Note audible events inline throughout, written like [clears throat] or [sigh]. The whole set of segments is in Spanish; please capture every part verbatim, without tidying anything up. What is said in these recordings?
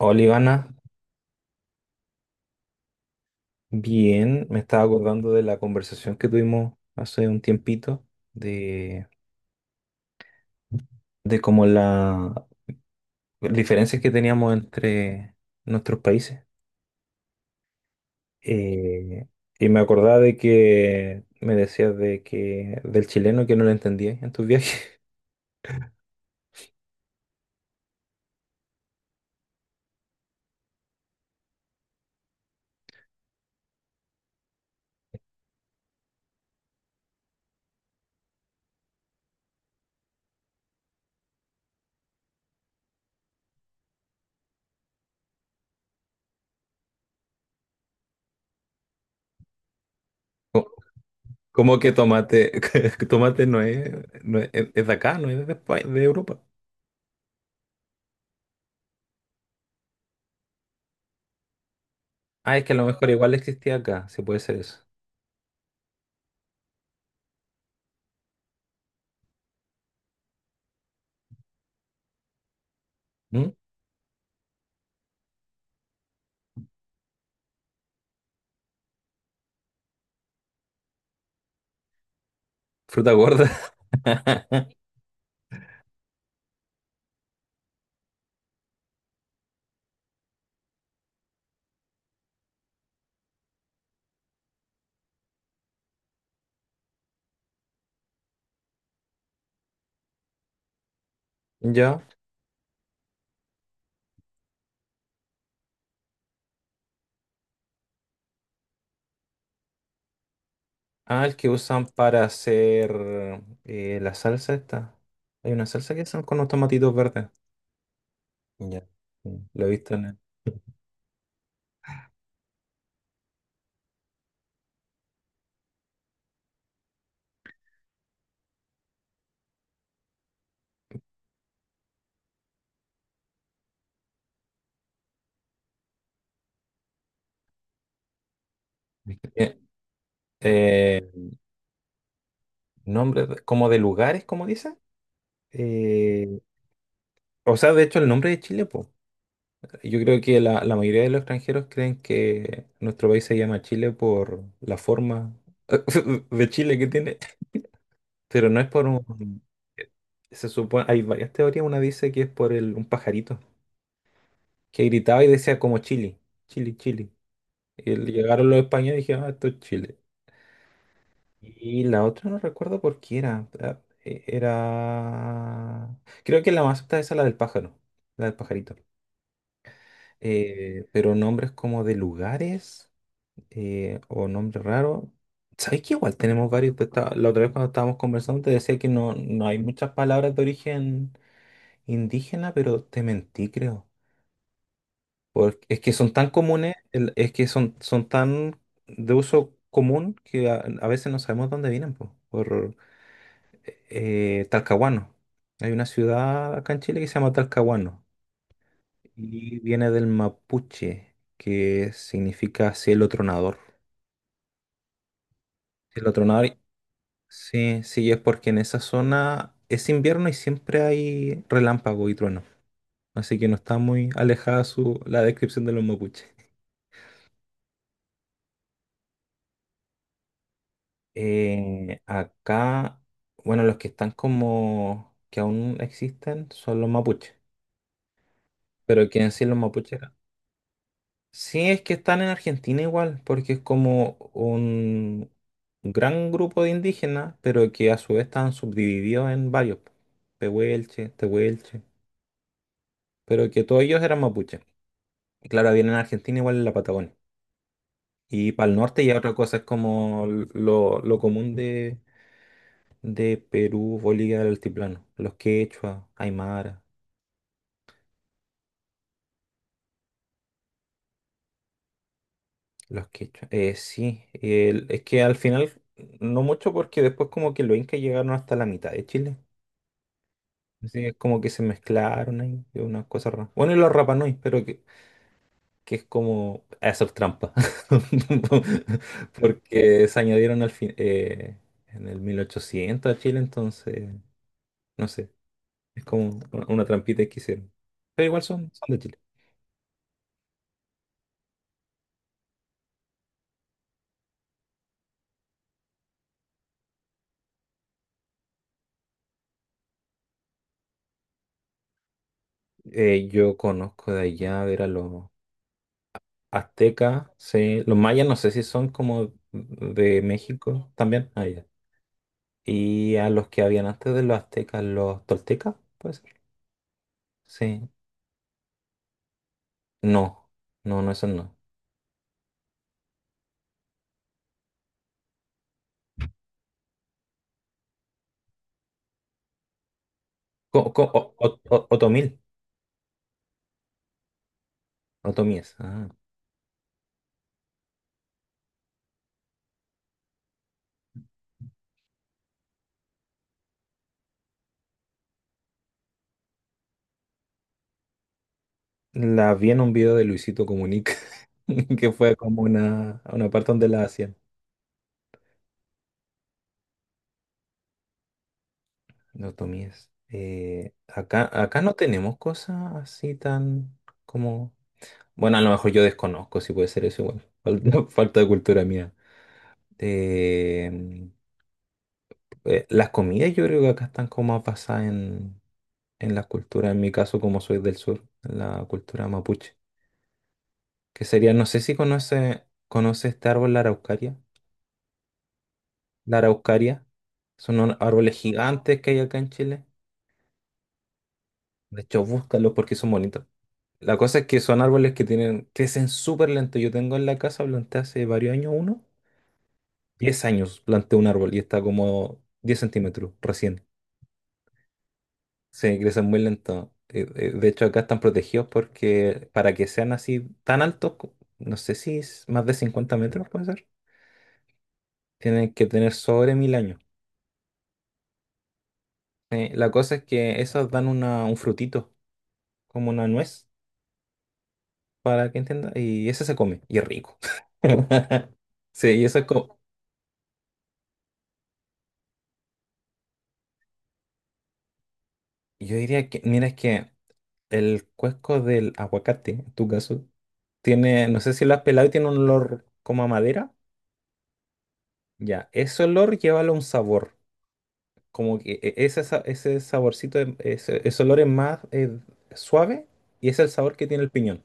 Hola Ivana, bien, me estaba acordando de la conversación que tuvimos hace un tiempito, de, de como las diferencias que teníamos entre nuestros países. Eh, y me acordaba de que me decías de que del chileno que no lo entendías en tus viajes. [laughs] Co- Como que tomate, [laughs] tomate no es, no es, es de acá, no es de España, de Europa. Ah, es que a lo mejor igual existía acá, si puede ser eso. ¿Mm? Fruta gorda. [laughs] ¿Ya? Ah, el que usan para hacer eh, la salsa esta. Hay una salsa que son con unos tomatitos verdes. Ya. Sí, lo he visto en el... [laughs] Eh, eh, nombre de- como de lugares, como dice. Eh, o sea, de hecho, el nombre de Chile, pues. Yo creo que la, la mayoría de los extranjeros creen que nuestro país se llama Chile por la forma [laughs] de Chile que tiene. Pero no es por un... Se supone, hay varias teorías. Una dice que es por el, un pajarito que gritaba y decía como Chile, Chile, Chile. Y el- llegaron los españoles y dijeron, "Ah, esto es Chile". Y la otra no recuerdo por qué era. Era... eh, era- Creo que la más alta es la del pájaro, la del pajarito. Eh, pero nombres como de lugares eh, o nombres raros. ¿Sabes que igual tenemos varios? Pues, ta- la otra vez cuando estábamos conversando te decía que no, no hay muchas palabras de origen indígena, pero te mentí, creo. Porque es que son tan comunes, el- es que son, son tan de uso común que a, a veces no sabemos dónde vienen, po. Por eh, Talcahuano. Hay una ciudad acá en Chile que se llama Talcahuano y viene del mapuche, que significa cielo tronador. Cielo tronador, y- sí, sí, es porque en esa zona es invierno y siempre hay relámpago y trueno. Así que no está muy alejada su, la descripción de los mapuches. Eh, acá, bueno, los que están como que aún existen son los mapuches, pero quieren decir los mapuches acá. Sí, es que están en Argentina igual, porque es como un gran grupo de indígenas, pero que a su vez están subdivididos en varios, po. Pehuelche, tehuelche, pero que todos ellos eran mapuches. Y claro, vienen en Argentina igual en la Patagonia. Y para el norte ya otra cosa es como lo, lo común de Perú, Bolivia del altiplano, los quechua, aymara, los quechua. Eh, sí, el- es que al final no mucho porque después como que los incas llegaron hasta la mitad de Chile. Así que es como que se mezclaron ahí, es una cosa rara. Bueno, y los Rapa Nui, pero que, que, es como hacer trampa. [laughs] Porque se añadieron al fin, eh, en el mil ochocientos a Chile, entonces, no sé, es como una una trampita que hicieron. Pero igual son, son de Chile. Eh, yo conozco de allá, a ver, a los aztecas, sí. Los mayas no sé si son como de México también. Ah, ya. Y a los que habían antes de los aztecas, los toltecas, puede ser. Sí. No, no, no, esos no. Co- co- o- o- o- otomil, otomíes. Ah. La vi en un video de Luisito Comunica, [laughs] que fue como una, a una parte donde la hacían. Los otomíes. Eh, acá, acá no tenemos cosas así tan como... Bueno, a lo mejor yo desconozco si puede ser eso igual. Falta, [laughs] falta de cultura mía. Eh, eh, las comidas yo creo que acá están como más basadas en, en, la cultura, en mi caso como soy del sur, en la cultura mapuche. Que sería, no sé si conoce, conoce este árbol, la araucaria. La araucaria. Son unos árboles gigantes que hay acá en Chile. De hecho, búscalos porque son bonitos. La cosa es que son árboles que tienen, crecen súper lento. Yo tengo en la casa, planté hace varios años uno. Diez años planté un árbol y está como diez centímetros recién. Se crecen muy lento. Eh, eh, De hecho, acá están protegidos porque para que sean así tan altos, co- no sé si es más de cincuenta metros, puede ser, tienen que tener sobre mil años. Eh, la cosa es que esos dan una, un frutito, como una nuez, para que entienda, y ese se come, y es rico. [laughs] Sí, y eso es como, yo diría que, mira, es que el cuesco del aguacate, en tu caso, tiene, no sé si lo has pelado y tiene un olor como a madera. Ya, ese olor llévalo a un sabor. Como que e- ese, sa- ese saborcito, de- ese, ese olor es más eh, suave y es el sabor que tiene el piñón.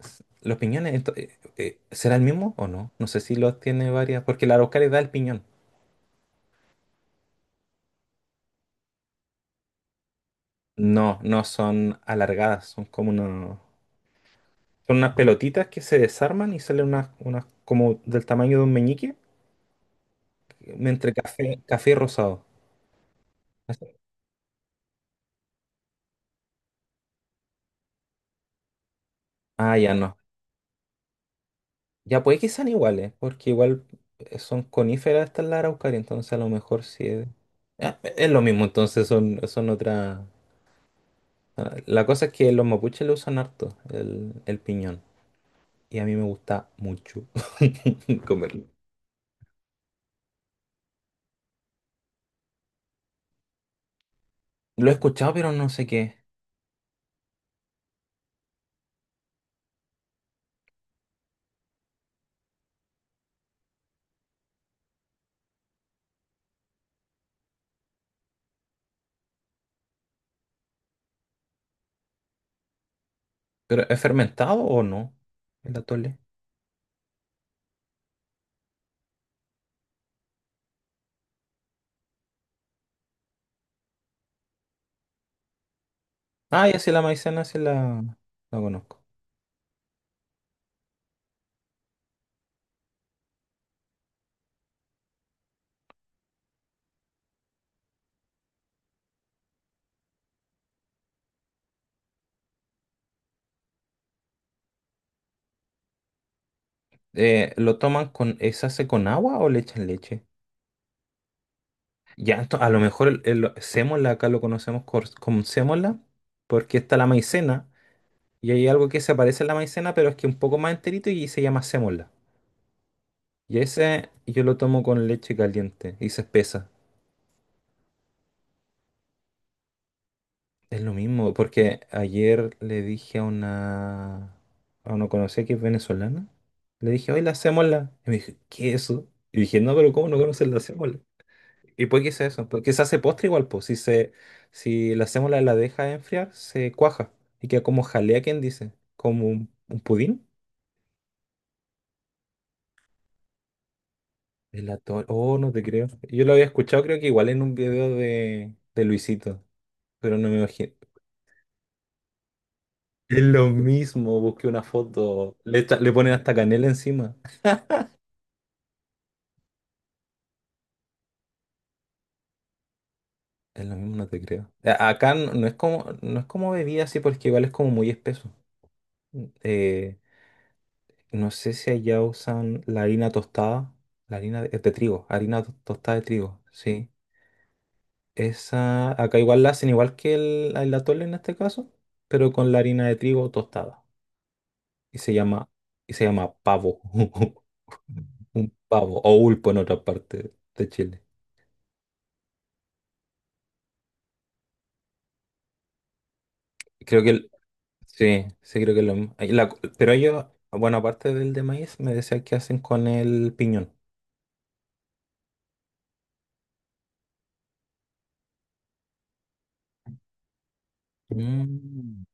S- Los piñones, ento- eh, eh, ¿será el mismo o no? No sé si los tiene varias, porque la araucaria da el piñón. No, no son alargadas, son como una, son unas, pelotitas que se desarman y salen unas, unas como del tamaño de un meñique, entre café, café y rosado. Ah, ya no. Ya puede que sean iguales, porque igual eh, son coníferas estas la araucaria, entonces a lo mejor sí es... Ah, es lo mismo, entonces son, son otras... Ah, la cosa es que los mapuches lo usan harto, el, el piñón, y a mí me gusta mucho [laughs] comerlo. Lo he escuchado, pero no sé qué. ¿Pero es fermentado o no? El atole. Ah, ya sí, la maicena sí la, la conozco. Eh, ¿lo toman con... eh, ¿se hace con agua o le echan leche? Ya, ento- a lo mejor el, el sémola acá lo conocemos cor- como sémola, porque está la maicena, y hay algo que se parece a la maicena, pero es que un poco más enterito y se llama sémola. Y ese yo lo tomo con leche caliente y se espesa. Es lo mismo, porque ayer le dije a una, a una conocida que es venezolana, le dije, oye, la sémola. Y me dijo, ¿qué es eso? Y dije, no, pero ¿cómo no conoces la sémola? Y puede que sea eso, porque se hace postre igual, pues si se, si la hacemos la deja enfriar, se cuaja y queda como jalea, ¿quién dice? Como un, un pudín. Helado- oh, no te creo. Yo lo había escuchado, creo que igual en un video de, de Luisito, pero no me imagino. Es lo mismo, busqué una foto, le, echa- le ponen hasta canela encima. Es lo mismo, no te creo. A- Acá no, no es como, no es como bebida así, porque igual es como muy espeso. Eh, No sé si allá usan la harina tostada, la harina de, de trigo, harina to- tostada de trigo, sí. Esa, acá igual la hacen igual que el, el atole en este caso, pero con la harina de trigo tostada. Y se llama, y se llama pavo. [laughs] Un pavo, o ulpo en otra parte de Chile. Creo que, el- sí, sí creo que es lo mismo. Ahí la- pero ellos, bueno, aparte del de maíz, me decían que hacen con el piñón. Mm.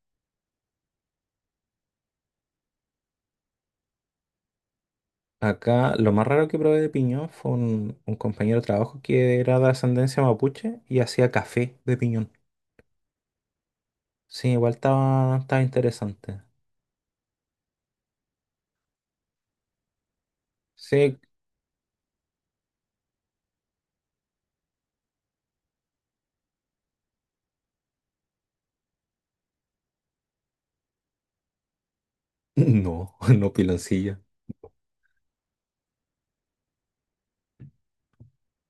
Acá lo más raro que probé de piñón fue un, un compañero de trabajo que era de ascendencia mapuche y hacía café de piñón. Sí, igual estaba, estaba interesante. Sí, [clears throat] no, [laughs] no piloncillo.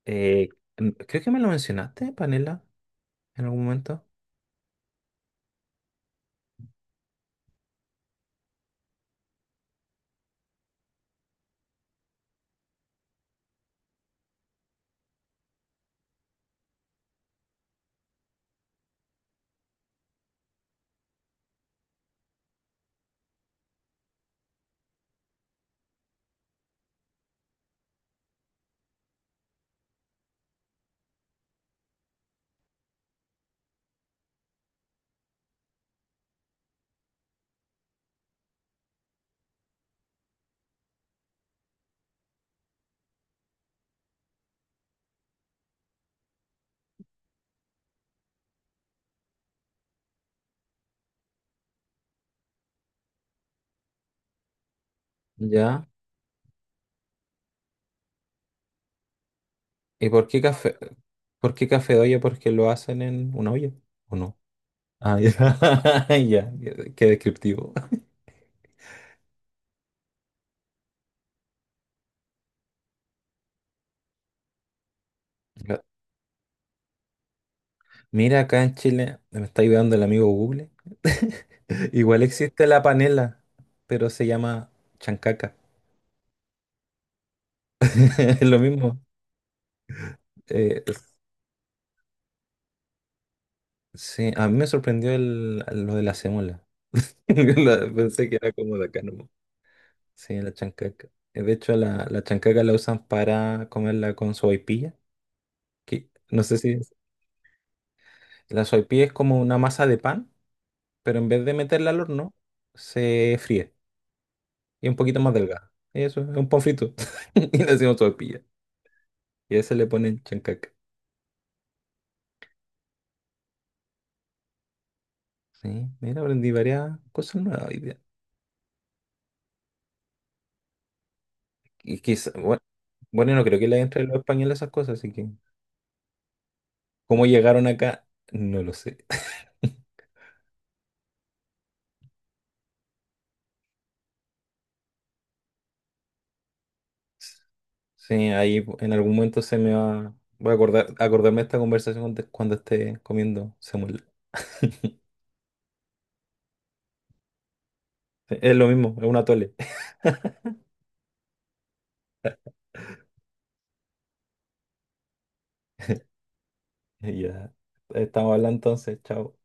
Eh, n- creo que me lo mencionaste, panela, en algún momento. Ya. ¿Y por qué café? ¿Por qué café de olla? ¿Porque lo hacen en una olla? ¿O no? Ah, ya. [laughs] Ya, qué qué descriptivo. Mira, acá en Chile, me está ayudando el amigo Google. [laughs] Igual existe la panela, pero se llama chancaca. [laughs] Es lo mismo. Eh, sí, a mí me sorprendió el- lo de la sémola. [laughs] La- pensé que era como de acá nomás. Sí, la chancaca. Eh, De hecho, la, la chancaca la usan para comerla con sopaipilla. Que, no sé si la sopaipilla es como una masa de pan, pero en vez de meterla al horno, se fríe y es un poquito más delgada. Y eso es un pan frito. [laughs] Y le decimos sopaipilla. Y a eso le ponen chancaca. Sí, mira, aprendí varias cosas nuevas hoy día. Y quizá, bueno, bueno, no creo que le entre los españoles esas cosas, así que cómo llegaron acá, no lo sé. [laughs] Sí, ahí en algún momento se me va, voy a acordar, acordarme de esta conversación cuando cuando esté comiendo semuela. [laughs] Es lo mismo, es una tole. [laughs] Ya, estamos hablando entonces, chao.